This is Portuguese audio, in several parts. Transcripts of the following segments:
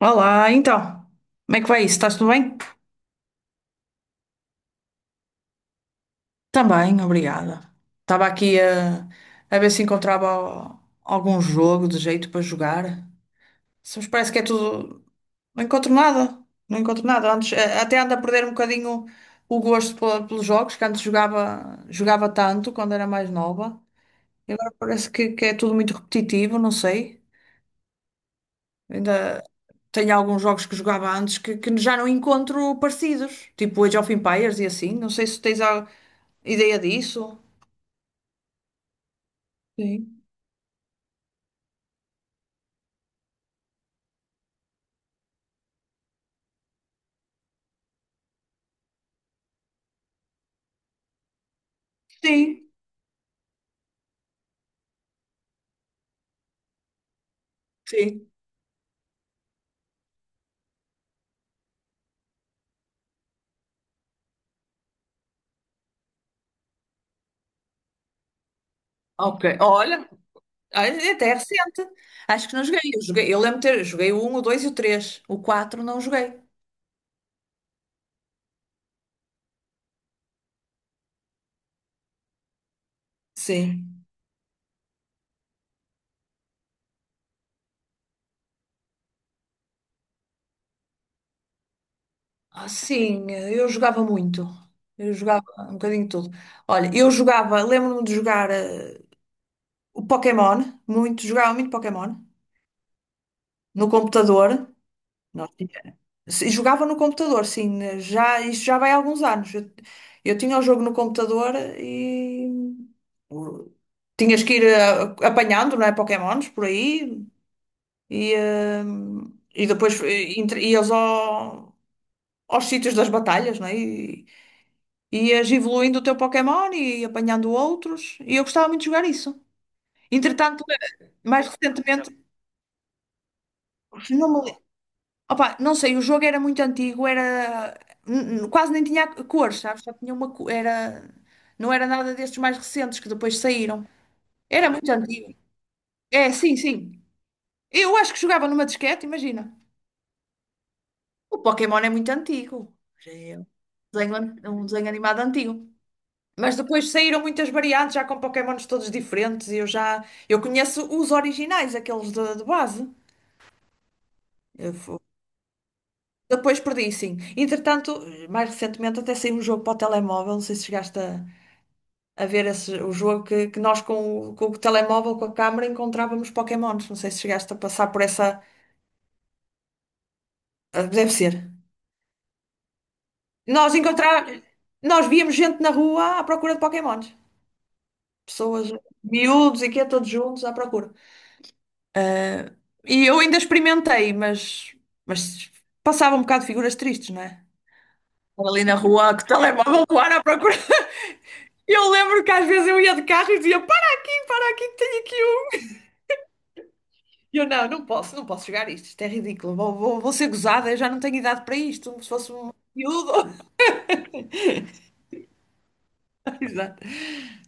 Olá, então, como é que vai isso? Estás tudo bem? Também, obrigada. Estava aqui a ver se encontrava algum jogo de jeito para jogar. Só me parece que é tudo. Não encontro nada. Não encontro nada. Antes, até ando a perder um bocadinho o gosto pelos jogos, que antes jogava tanto quando era mais nova. E agora parece que é tudo muito repetitivo, não sei. Ainda tenho alguns jogos que jogava antes que já não encontro parecidos, tipo Age of Empires e assim. Não sei se tens algo. Ideia disso? Sim, sim, sim. Ok. Olha, até é recente. Acho que não joguei. Eu joguei, eu lembro de ter, joguei o um, o 2 e o três. O quatro não joguei. Sim. Ah, sim, eu jogava muito. Eu jogava um bocadinho de tudo. Olha, eu jogava, lembro-me de jogar o Pokémon, muito, jogava muito Pokémon no computador. Nós Se- Jogava no computador, sim. Já, isto já vai há alguns anos. Eu tinha o jogo no computador e o- tinhas que ir apanhando, não é? Pokémons por aí e, e depois ias aos sítios das batalhas, não é? E ias evoluindo o teu Pokémon e apanhando outros. E eu gostava muito de jogar isso. Entretanto, mais recentemente, não me opa, não sei, o jogo era muito antigo, era quase nem tinha cores, sabes? Só tinha uma co- era não era nada destes mais recentes que depois saíram. Era muito antigo. É, sim, sim. Eu acho que jogava numa disquete, imagina. O Pokémon é muito antigo. Já é um um desenho animado antigo. Mas depois saíram muitas variantes, já com Pokémons todos diferentes. Eu conheço os originais, aqueles de base. Eu fu- Depois perdi, sim. Entretanto, mais recentemente até saiu um jogo para o telemóvel, não sei se chegaste a ver esse, o jogo que nós com o telemóvel, com a câmara, encontrávamos Pokémons. Não sei se chegaste a passar por essa. Deve ser. Nós encontrar, Nós víamos gente na rua à procura de Pokémons. Pessoas, miúdos e quê, todos juntos à procura. Ah, e eu ainda experimentei, mas, mas passava um bocado de figuras tristes, não é? Ali na rua, que telemóvel voar à procura. Eu lembro que às vezes eu ia de carro e dizia: para aqui, para aqui, tenho aqui. E eu não posso, não posso jogar isto. Isto é ridículo. Vou ser gozada, eu já não tenho idade para isto. Se fosse um miúdo. Exato.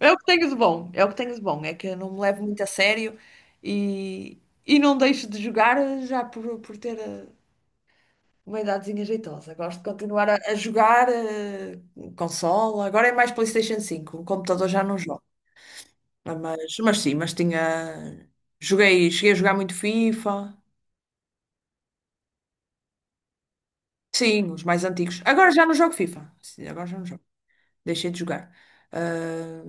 É o que tenho de bom, é o que tenho de bom. É que eu não me levo muito a sério e, e não deixo de jogar já por ter uma idadezinha jeitosa. Gosto de continuar a jogar consola. Agora é mais PlayStation 5. O computador já não jogo. Ah, mas sim, mas tinha. Joguei, cheguei a jogar muito FIFA. Sim, os mais antigos. Agora já não jogo FIFA. Sim, agora já não jogo. Deixei de jogar. Ah,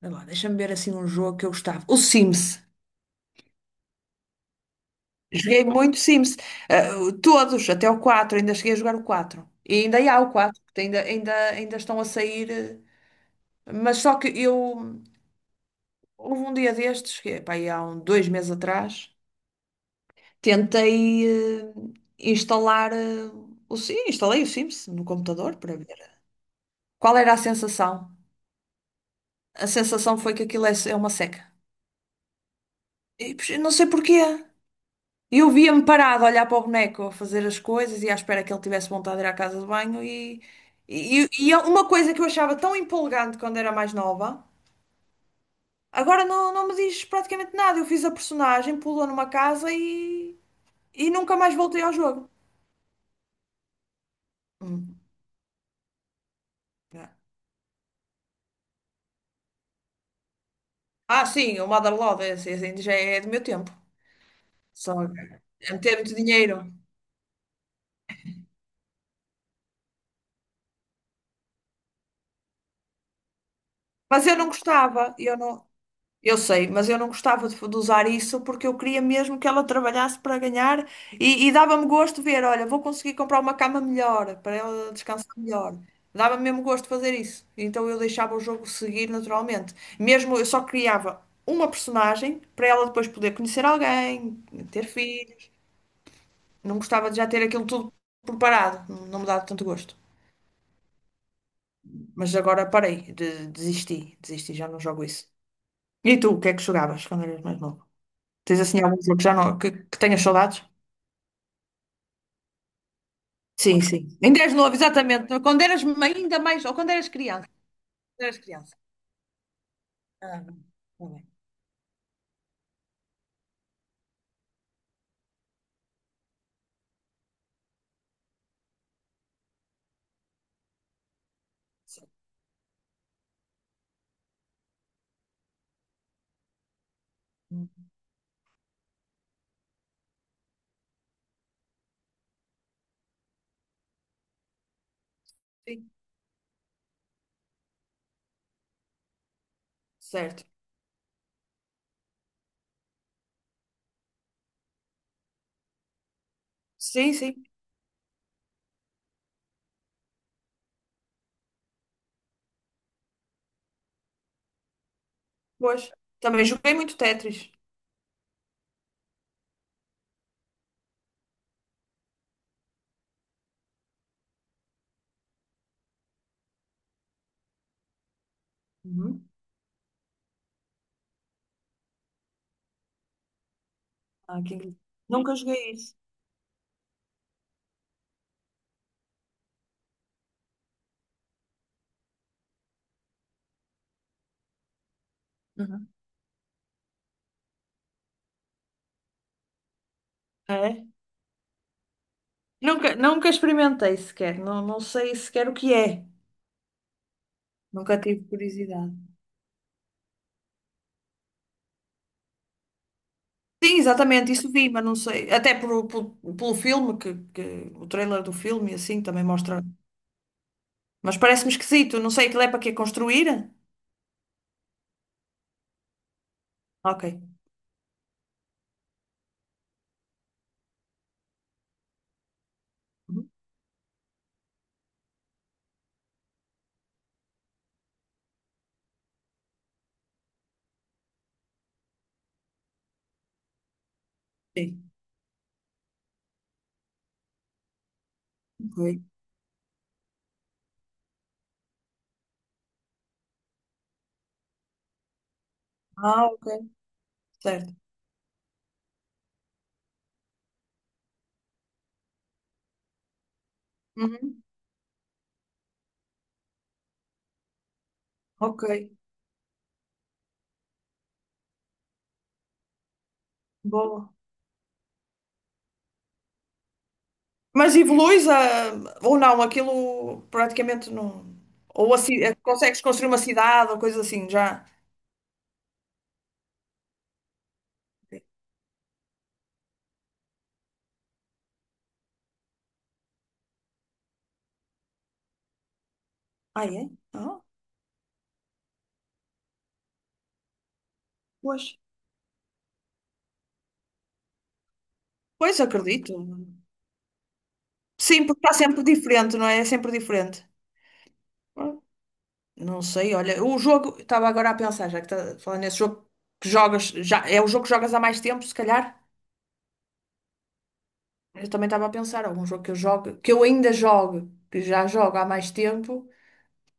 sei lá, deixa-me ver assim um jogo que eu gostava. O Sims. Joguei muito Sims. Ah, todos, até o quatro. Ainda cheguei a jogar o 4. E ainda há o 4, porque ainda estão a sair. Mas só que eu. Houve um dia destes, que, é, pá, aí há um, dois meses atrás, tentei instalar. Sim, instalei o Sims no computador para ver. Qual era a sensação? A sensação foi que aquilo é uma seca. E, pois, eu não sei porquê. E eu via-me parado a olhar para o boneco, a fazer as coisas e à espera que ele tivesse vontade de ir à casa de banho. E, e é uma coisa que eu achava tão empolgante quando era mais nova, agora não, me diz praticamente nada. Eu fiz a personagem, pulou numa casa e, nunca mais voltei ao jogo. Hum. Ah, sim, o Motherlode, esse ainda já é do meu tempo. Só a meter muito dinheiro. Mas eu não gostava, eu sei, mas eu não gostava de usar isso porque eu queria mesmo que ela trabalhasse para ganhar e dava-me gosto ver, olha, vou conseguir comprar uma cama melhor para ela descansar melhor. Dava-me mesmo gosto de fazer isso. Então eu deixava o jogo seguir naturalmente. Mesmo eu só criava uma personagem para ela depois poder conhecer alguém, ter filhos. Não gostava de já ter aquilo tudo preparado, não me dava tanto gosto. Mas agora parei, desisti, desisti, já não jogo isso. E tu, o que é que jogavas quando eras mais novo? Tens assim algum jogo que já não, que tenhas saudades? Sim, sim. Ainda és novo, exatamente. Quando eras ainda mais, ou quando eras criança. Quando eras criança. Ah, não. Não é. Hum. Sim, certo. Sim, sim, pois. Também joguei muito Tetris. Uhum. Ah, que engraçado. Nunca joguei isso. Uhum. É? Nunca, nunca experimentei sequer. Não, não sei sequer o que é. Nunca tive curiosidade. Sim, exatamente, isso vi, mas não sei. Até pelo filme, o trailer do filme, e assim, também mostra. Mas parece-me esquisito. Não sei, aquilo é para quê? Construir? Ok. Uhum. Sim. Ok. Ah, ok. Certo. Uhum. Ok. Boa. Mas evoluís ou não? Aquilo praticamente não. Ou consegues construir uma cidade ou coisa assim, já. Ah, é? Ah, pois. Pois, acredito. Sim, porque está sempre diferente, não é? É sempre diferente. Ah, não sei, olha, o jogo, estava agora a pensar, já que está falando nesse jogo que jogas, já é o jogo que jogas há mais tempo, se calhar. Eu também estava a pensar, algum jogo, que eu ainda jogo, que já jogo há mais tempo,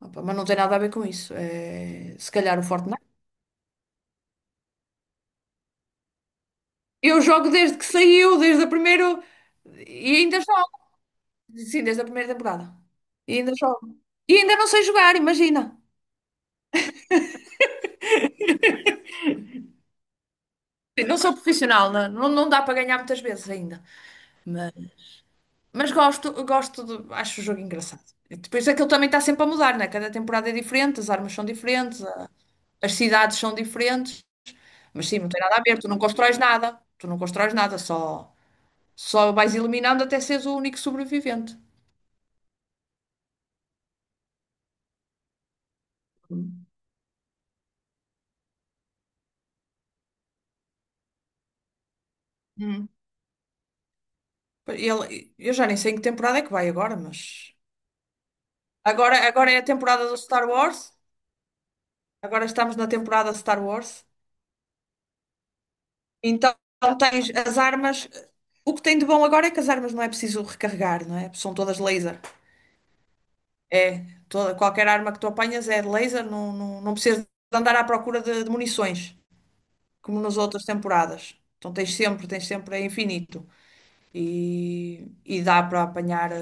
opa, mas não tem nada a ver com isso. É, se calhar o Fortnite. Eu jogo desde que saiu, desde a primeira. E ainda jogo. Sim, desde a primeira temporada. E ainda jogo. E ainda não sei jogar, imagina. Sim, não sou profissional, não, não, não dá para ganhar muitas vezes ainda. Mas, gosto, gosto de, acho o jogo engraçado. E depois é que ele também está sempre a mudar, né? Cada temporada é diferente, as armas são diferentes, as cidades são diferentes. Mas sim, não tem nada a ver, tu não constróis nada, tu não constróis nada, só, vais eliminando até seres o único sobrevivente. Hum. Eu já nem sei em que temporada é que vai agora, mas agora é a temporada do Star Wars, agora estamos na temporada Star Wars, então tens as armas. O que tem de bom agora é que as armas não é preciso recarregar, não é? São todas laser. É, toda, qualquer arma que tu apanhas é de laser, não, não precisas de andar à procura de munições. Como nas outras temporadas. Então tens sempre, é infinito. E dá para apanhar,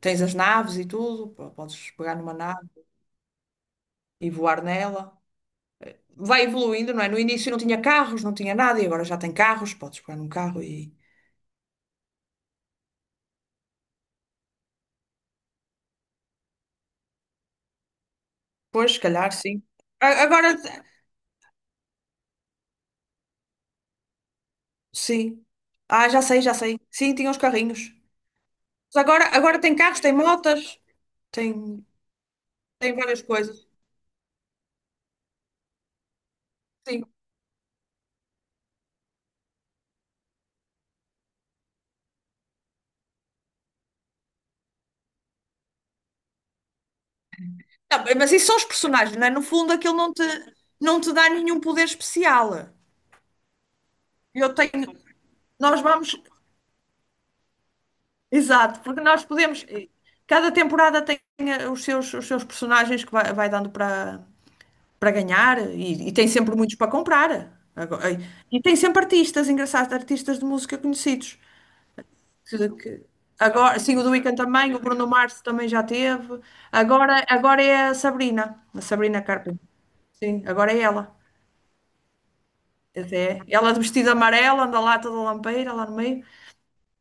tens as naves e tudo, podes pegar numa nave e voar nela. Vai evoluindo, não é? No início não tinha carros, não tinha nada, e agora já tem carros, podes pegar num carro e. Pois, se calhar, sim. Agora, sim. Ah, já sei, já sei. Sim, tinha os carrinhos. Mas agora tem carros, tem motas, tem, tem várias coisas. Sim. Não, mas isso são os personagens, não é? No fundo, aquilo não te, dá nenhum poder especial. Eu tenho. Nós vamos. Exato, porque nós podemos. Cada temporada tem os seus, personagens que vai dando para ganhar e tem sempre muitos para comprar. Agora- e tem sempre artistas, engraçados, artistas de música conhecidos. Que- que- Agora, sim, o The Weeknd também, o Bruno Mars também já teve. Agora é a Sabrina Carpenter. Sim, agora é ela. Até. Ela de vestido amarelo, anda lá toda lampeira, lá no meio.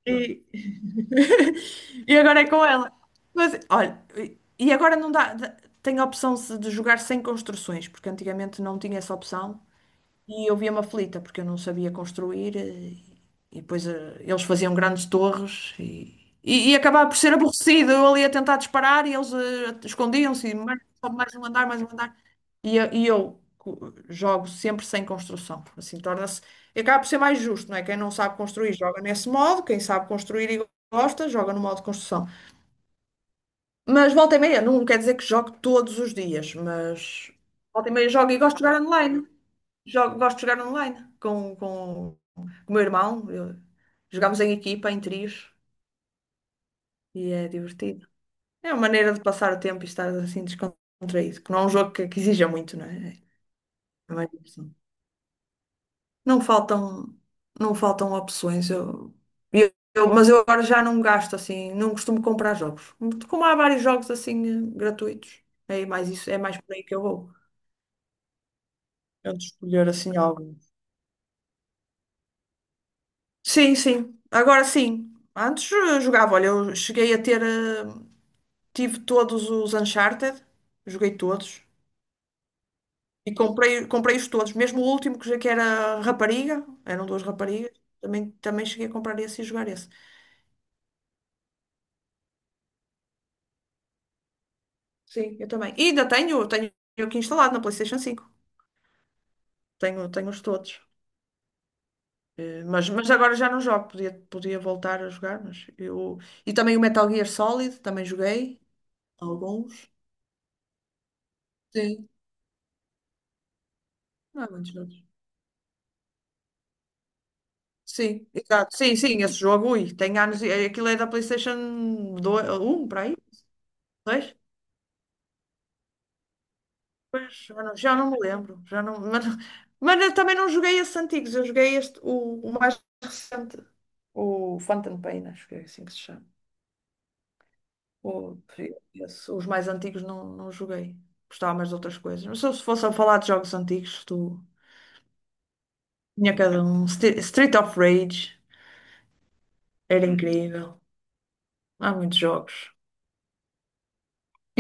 E, agora é com ela. Mas, olha, e agora não dá. Tem a opção de jogar sem construções, porque antigamente não tinha essa opção. E eu via-me aflita porque eu não sabia construir e, depois eles faziam grandes torres e acabava por ser aborrecido. Eu ali a tentar disparar e eles escondiam-se e mais, sobe mais um andar, mais um andar. Jogo sempre sem construção. Assim torna-se. E acaba por ser mais justo, não é? Quem não sabe construir joga nesse modo, quem sabe construir e gosta joga no modo de construção. Mas volta e meia, não quer dizer que jogo todos os dias, mas volta e meia jogo e gosto de jogar online. Jogo, gosto de jogar online com o meu irmão. Jogamos em equipa, em trios, e é divertido. É uma maneira de passar o tempo e estar assim descontraído, que não é um jogo que exija muito, não é? É mais diversão. Não faltam, não faltam opções. Mas eu agora já não gasto assim, não costumo comprar jogos. Como há vários jogos assim gratuitos, é mais isso, é mais por aí que eu vou. Eu de escolher assim algo. Sim, sim. Agora sim. Antes jogava, olha, eu cheguei a ter. Tive todos os Uncharted, joguei todos. E comprei-os todos, mesmo o último que era rapariga, eram duas raparigas, também, cheguei a comprar esse e jogar esse. Sim, eu também. E ainda tenho aqui instalado na PlayStation 5. Tenho, tenho-os todos. Mas agora já não jogo, podia voltar a jogar, mas eu. E também o Metal Gear Solid, também joguei alguns. Sim. Não há muitos. Sim, exato. Sim, sim, esse jogo, ui, tem anos. Aquilo é da PlayStation dois, um para aí? 2? Pois, já não, me lembro. Já não, mas, eu também não joguei esses antigos, eu joguei este, o mais recente, o Phantom Pain, acho que é assim que se chama. O, Esse, os mais antigos não, joguei. Gostava mais de outras coisas. Mas se eu fosse a falar de jogos antigos, tu tinha cada um. Street of Rage era incrível. Há muitos jogos.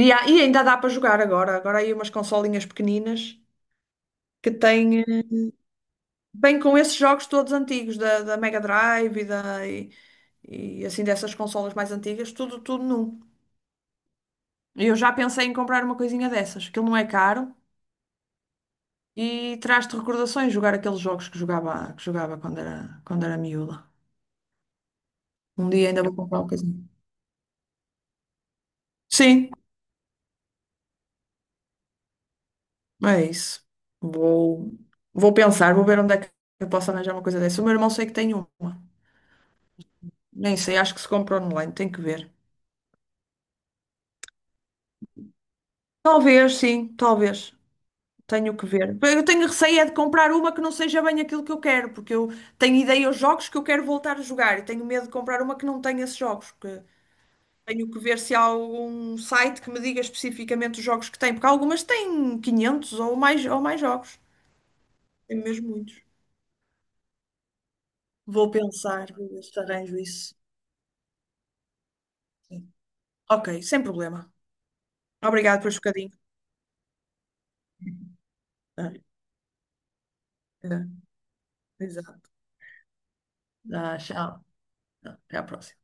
E, e ainda dá para jogar agora. Agora há aí umas consolinhas pequeninas que vêm com esses jogos todos antigos, da Mega Drive e assim dessas consolas mais antigas, tudo, num. E eu já pensei em comprar uma coisinha dessas, que ele não é caro e traz-te recordações jogar aqueles jogos que jogava quando era miúda. Um dia ainda vou comprar uma coisinha. Sim, é isso. Vou, Vou pensar, vou ver onde é que eu posso arranjar uma coisa dessa. O meu irmão sei que tem uma. Nem sei, acho que se compra online, tem que ver. Talvez, sim, talvez. Tenho que ver. Eu tenho receio é de comprar uma que não seja bem aquilo que eu quero, porque eu tenho ideia aos jogos que eu quero voltar a jogar e tenho medo de comprar uma que não tenha esses jogos. Que tenho que ver se há algum site que me diga especificamente os jogos que tem, porque algumas têm 500 ou mais jogos. Tem mesmo muitos. Vou pensar, vou ver se arranjo isso. Sim. Ok, sem problema. Obrigado por um bocadinho. Ah, é, exato. Ah, tchau. Até à próxima.